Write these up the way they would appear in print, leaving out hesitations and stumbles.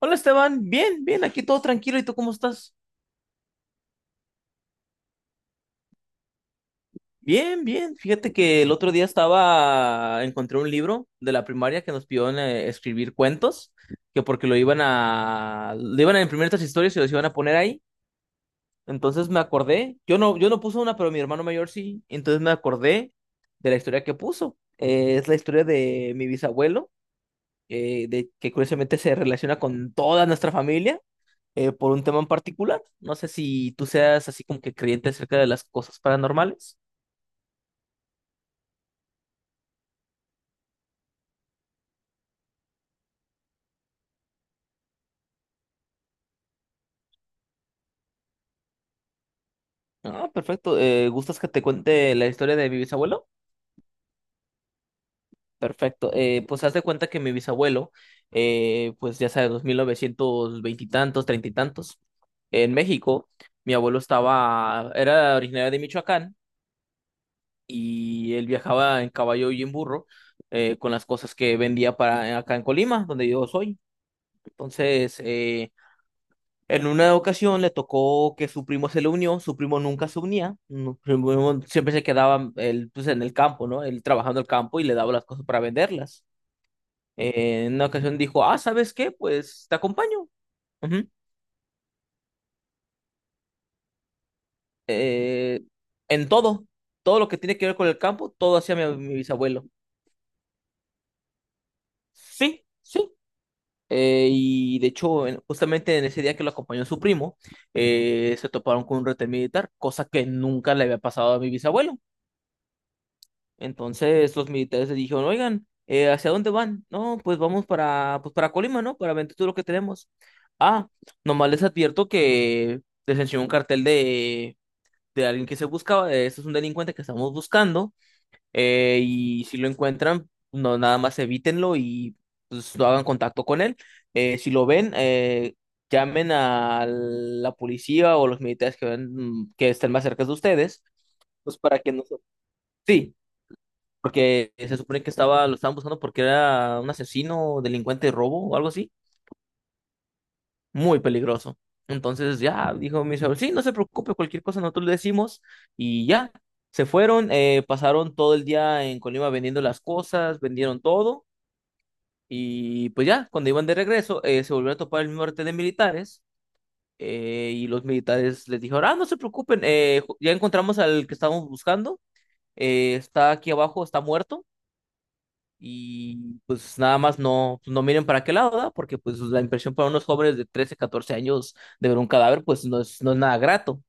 Hola Esteban, bien, bien, aquí todo tranquilo. ¿Y tú cómo estás? Bien, bien. Fíjate que el otro día estaba, encontré un libro de la primaria que nos pidió escribir cuentos, que porque lo iban a imprimir estas historias y los iban a poner ahí. Entonces me acordé, yo no puse una, pero mi hermano mayor sí. Entonces me acordé de la historia que puso. Es la historia de mi bisabuelo, que curiosamente se relaciona con toda nuestra familia, por un tema en particular. No sé si tú seas así como que creyente acerca de las cosas paranormales. Ah, perfecto. ¿Gustas que te cuente la historia de mi bisabuelo? Perfecto. Pues haz de cuenta que mi bisabuelo, pues ya sabes, los 1920 y tantos, treinta y tantos, en México, mi abuelo estaba, era originario de Michoacán y él viajaba en caballo y en burro, con las cosas que vendía para acá en Colima, donde yo soy. Entonces, en una ocasión le tocó que su primo se le unió, su primo nunca se unía, no, su primo siempre se quedaba él, pues, en el campo, ¿no? Él trabajando el campo y le daba las cosas para venderlas. En una ocasión dijo, ah, ¿sabes qué? Pues te acompaño. Ujú. Eh, en todo, todo lo que tiene que ver con el campo, todo hacía mi bisabuelo. Sí, sí. Y de hecho, justamente en ese día que lo acompañó su primo, se toparon con un retén militar, cosa que nunca le había pasado a mi bisabuelo. Entonces los militares le dijeron, oigan, ¿hacia dónde van? No, pues vamos para, pues para Colima, ¿no? Para vender todo lo que tenemos. Ah, nomás les advierto que les enseñó un cartel de, alguien que se buscaba, de, este es un delincuente que estamos buscando, y si lo encuentran, no, nada más evítenlo y pues no hagan contacto con él. Si lo ven, llamen a la policía o los militares que, que estén más cerca de ustedes, pues para que no se... Sí, porque se supone que estaba, lo estaban buscando porque era un asesino, delincuente de robo o algo así, muy peligroso. Entonces ya dijo mi señor, sí, no se preocupe, cualquier cosa nosotros le decimos y ya. Se fueron, pasaron todo el día en Colima vendiendo las cosas, vendieron todo y pues ya, cuando iban de regreso, se volvieron a topar el mismo arte de militares, y los militares les dijeron, ah, no se preocupen, ya encontramos al que estábamos buscando, está aquí abajo, está muerto. Y pues nada más no, pues, no miren para qué lado, ¿verdad? Porque pues la impresión para unos jóvenes de 13-14 años de ver un cadáver, pues no es, no es nada grato.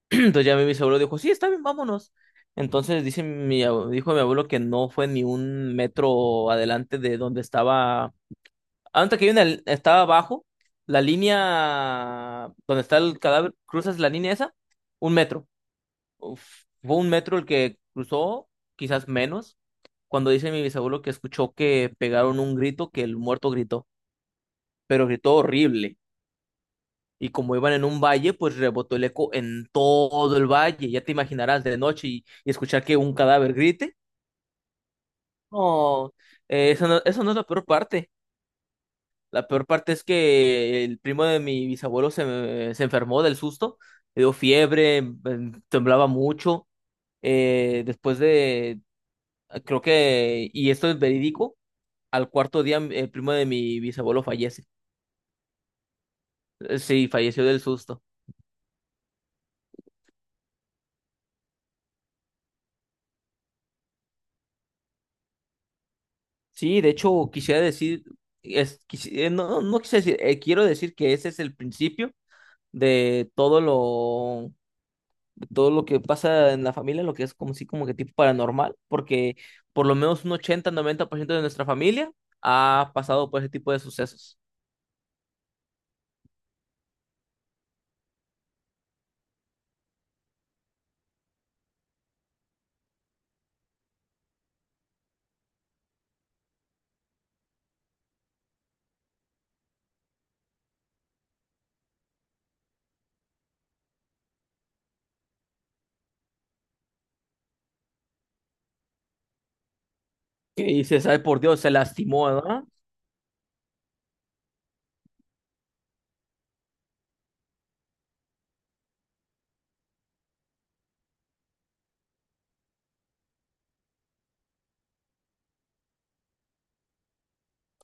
Entonces ya mi abuelo dijo, sí, está bien, vámonos. Entonces dice dijo mi abuelo que no fue ni un metro adelante de donde estaba, antes que hay estaba abajo, la línea donde está el cadáver, cruzas la línea esa, un metro. Uf, fue un metro el que cruzó, quizás menos, cuando dice mi bisabuelo que escuchó que pegaron un grito, que el muerto gritó, pero gritó horrible. Y como iban en un valle, pues rebotó el eco en todo el valle. Ya te imaginarás de noche y escuchar que un cadáver grite. No, eso no, eso no es la peor parte. La peor parte es que el primo de mi bisabuelo se enfermó del susto, le dio fiebre, temblaba mucho. Después de, creo que, y esto es verídico, al cuarto día el primo de mi bisabuelo fallece. Sí, falleció del susto. Sí, de hecho, quisiera decir, no, no quise decir, quiero decir que ese es el principio de todo lo, de todo lo que pasa en la familia, lo que es como si como que tipo paranormal, porque por lo menos un 80-90% de nuestra familia ha pasado por ese tipo de sucesos. Y se sabe por Dios, se lastimó, ¿verdad?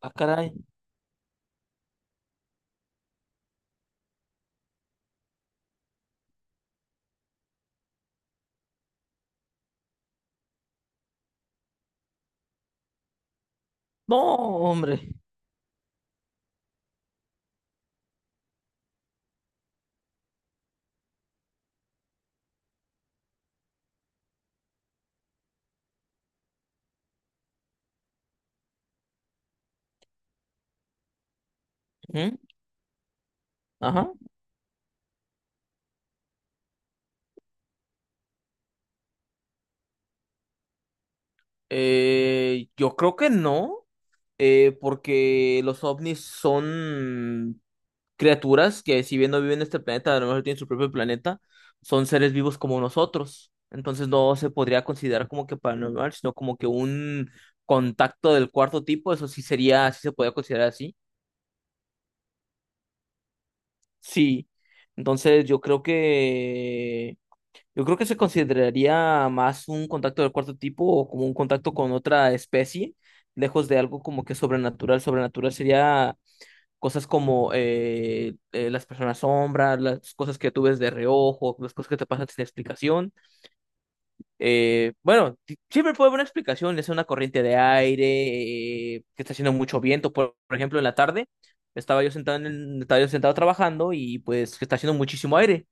Ah, caray. No, hombre. ¿Mm? Ajá. Yo creo que no, porque los ovnis son criaturas que si bien no viven en este planeta, a lo mejor tienen su propio planeta, son seres vivos como nosotros. Entonces no se podría considerar como que paranormal, sino como que un contacto del cuarto tipo, eso sí sería, sí se podría considerar así. Sí. Entonces yo creo que se consideraría más un contacto del cuarto tipo o como un contacto con otra especie, lejos de algo como que sobrenatural. Sobrenatural sería cosas como las personas sombras, las cosas que tú ves de reojo, las cosas que te pasan sin explicación. Bueno, siempre puede haber una explicación, es una corriente de aire, que está haciendo mucho viento. Por ejemplo, en la tarde estaba yo sentado, estaba yo sentado trabajando y pues que está haciendo muchísimo aire.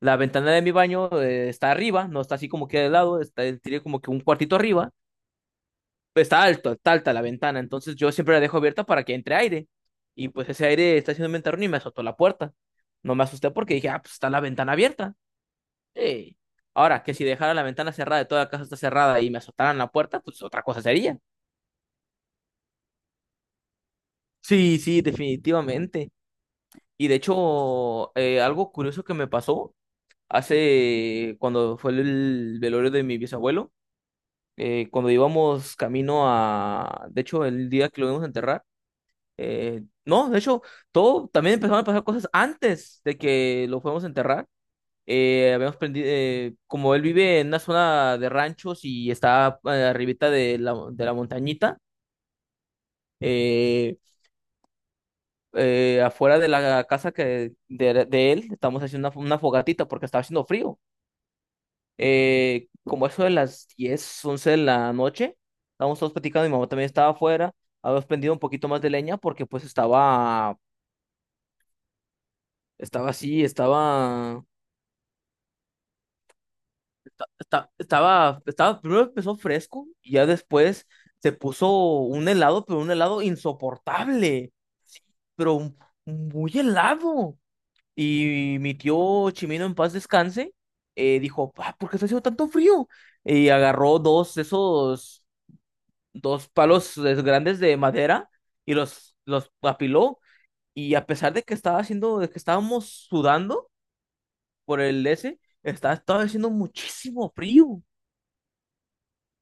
La ventana de mi baño está arriba, no está así como que de lado, está, tiene como que un cuartito arriba, está alto, está alta la ventana, entonces yo siempre la dejo abierta para que entre aire. Y pues ese aire está haciendo un ventarrón y me azotó la puerta. No me asusté porque dije, ah, pues está la ventana abierta. Ey. Ahora, que si dejara la ventana cerrada y toda la casa está cerrada y me azotaran la puerta, pues otra cosa sería. Sí, sí, definitivamente. Y de hecho, algo curioso que me pasó hace cuando fue el velorio de mi bisabuelo, cuando íbamos camino a, de hecho, el día que lo íbamos a enterrar. No, de hecho, todo también empezaron a pasar cosas antes de que lo fuéramos a enterrar. Habíamos prendido, como él vive en una zona de ranchos y está arribita de la montañita, eh, afuera de la casa que, de él, estamos haciendo una fogatita porque estaba haciendo frío. Como eso de las 10-11 de la noche, estábamos todos platicando, mi mamá también estaba afuera, habíamos prendido un poquito más de leña porque pues estaba, estaba así, estaba... esta- estaba, estaba, primero empezó fresco y ya después se puso un helado, pero un helado insoportable. Sí, pero muy helado. Y mi tío Chimino en paz descanse, dijo, "Ah, ¿por qué está haciendo tanto frío?" Y agarró dos, de esos, dos palos grandes de madera y los apiló. Y a pesar de que estaba haciendo, de que estábamos sudando por el ese, estaba, estaba haciendo muchísimo frío.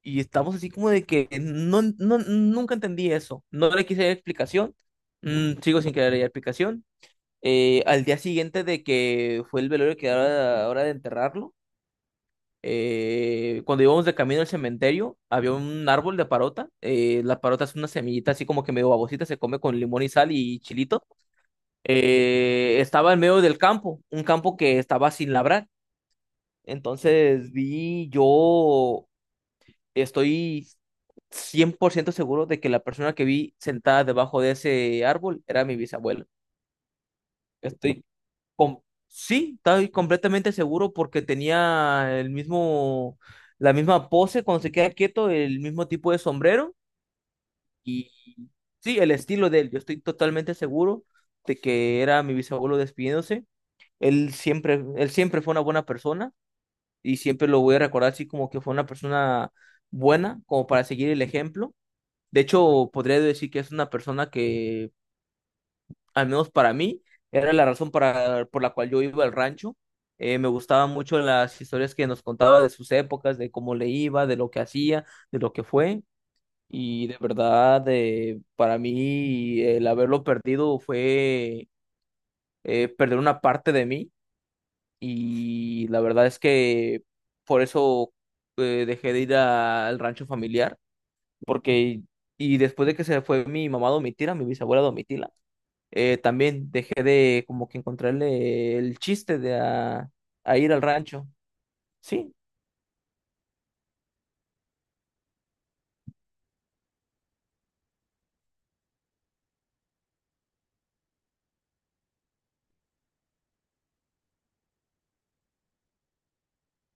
Y estamos así como de que no, no, nunca entendí eso. No le quise dar explicación. Mm, sigo sin querer dar explicación. Al día siguiente de que fue el velorio que era la hora de enterrarlo, cuando íbamos de camino al cementerio, había un árbol de parota. La parota es una semillita así como que medio babosita, se come con limón y sal y chilito. Estaba en medio del campo, un campo que estaba sin labrar. Entonces vi yo, estoy 100% seguro de que la persona que vi sentada debajo de ese árbol era mi bisabuelo. Estoy com- sí, estoy completamente seguro porque tenía el mismo, la misma pose cuando se queda quieto, el mismo tipo de sombrero y sí, el estilo de él. Yo estoy totalmente seguro de que era mi bisabuelo despidiéndose. Él siempre fue una buena persona y siempre lo voy a recordar así como que fue una persona buena, como para seguir el ejemplo. De hecho, podría decir que es una persona que, al menos para mí, era la razón para, por la cual yo iba al rancho. Me gustaban mucho las historias que nos contaba de sus épocas, de cómo le iba, de lo que hacía, de lo que fue. Y de verdad, para mí, el haberlo perdido fue, perder una parte de mí. Y la verdad es que por eso, dejé de ir al rancho familiar porque y después de que se fue mi mamá a Domitila, mi bisabuela a Domitila, también dejé de como que encontrarle el chiste de a, ir al rancho, ¿sí?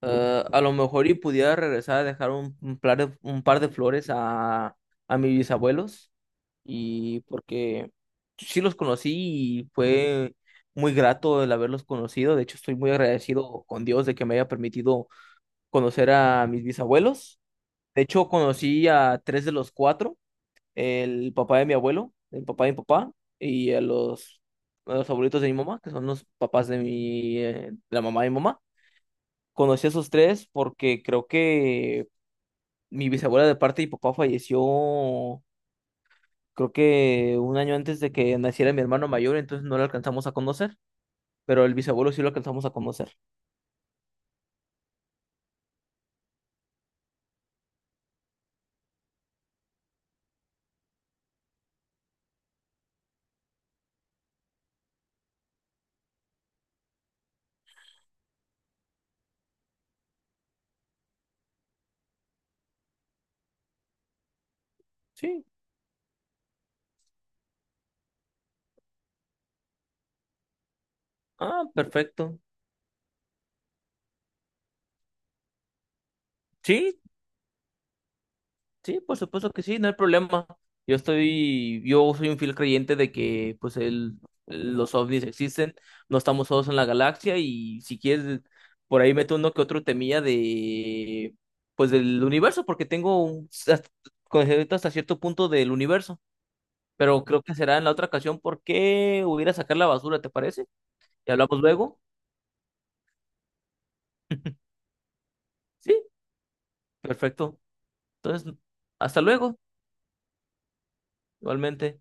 A lo mejor y pudiera regresar a dejar un par de flores a mis bisabuelos y porque sí los conocí y fue muy grato el haberlos conocido. De hecho, estoy muy agradecido con Dios de que me haya permitido conocer a mis bisabuelos. De hecho, conocí a tres de los cuatro, el papá de mi abuelo, el papá de mi papá, y a los abuelitos de mi mamá, que son los papás de mi, de la mamá de mi mamá. Conocí a esos tres porque creo que mi bisabuela de parte de mi papá falleció, creo que un año antes de que naciera mi hermano mayor, entonces no lo alcanzamos a conocer, pero el bisabuelo sí lo alcanzamos a conocer. Sí, ah, perfecto. Sí, sí, por supuesto que sí, no hay problema. Yo soy un fiel creyente de que pues el, los ovnis existen, no estamos solos en la galaxia y si quieres por ahí meto uno que otro temilla de pues del universo porque tengo conocimiento hasta cierto punto del universo, pero creo que será en la otra ocasión porque voy a ir a sacar la basura, ¿te parece? Y hablamos luego. Sí, perfecto. Entonces, hasta luego, igualmente.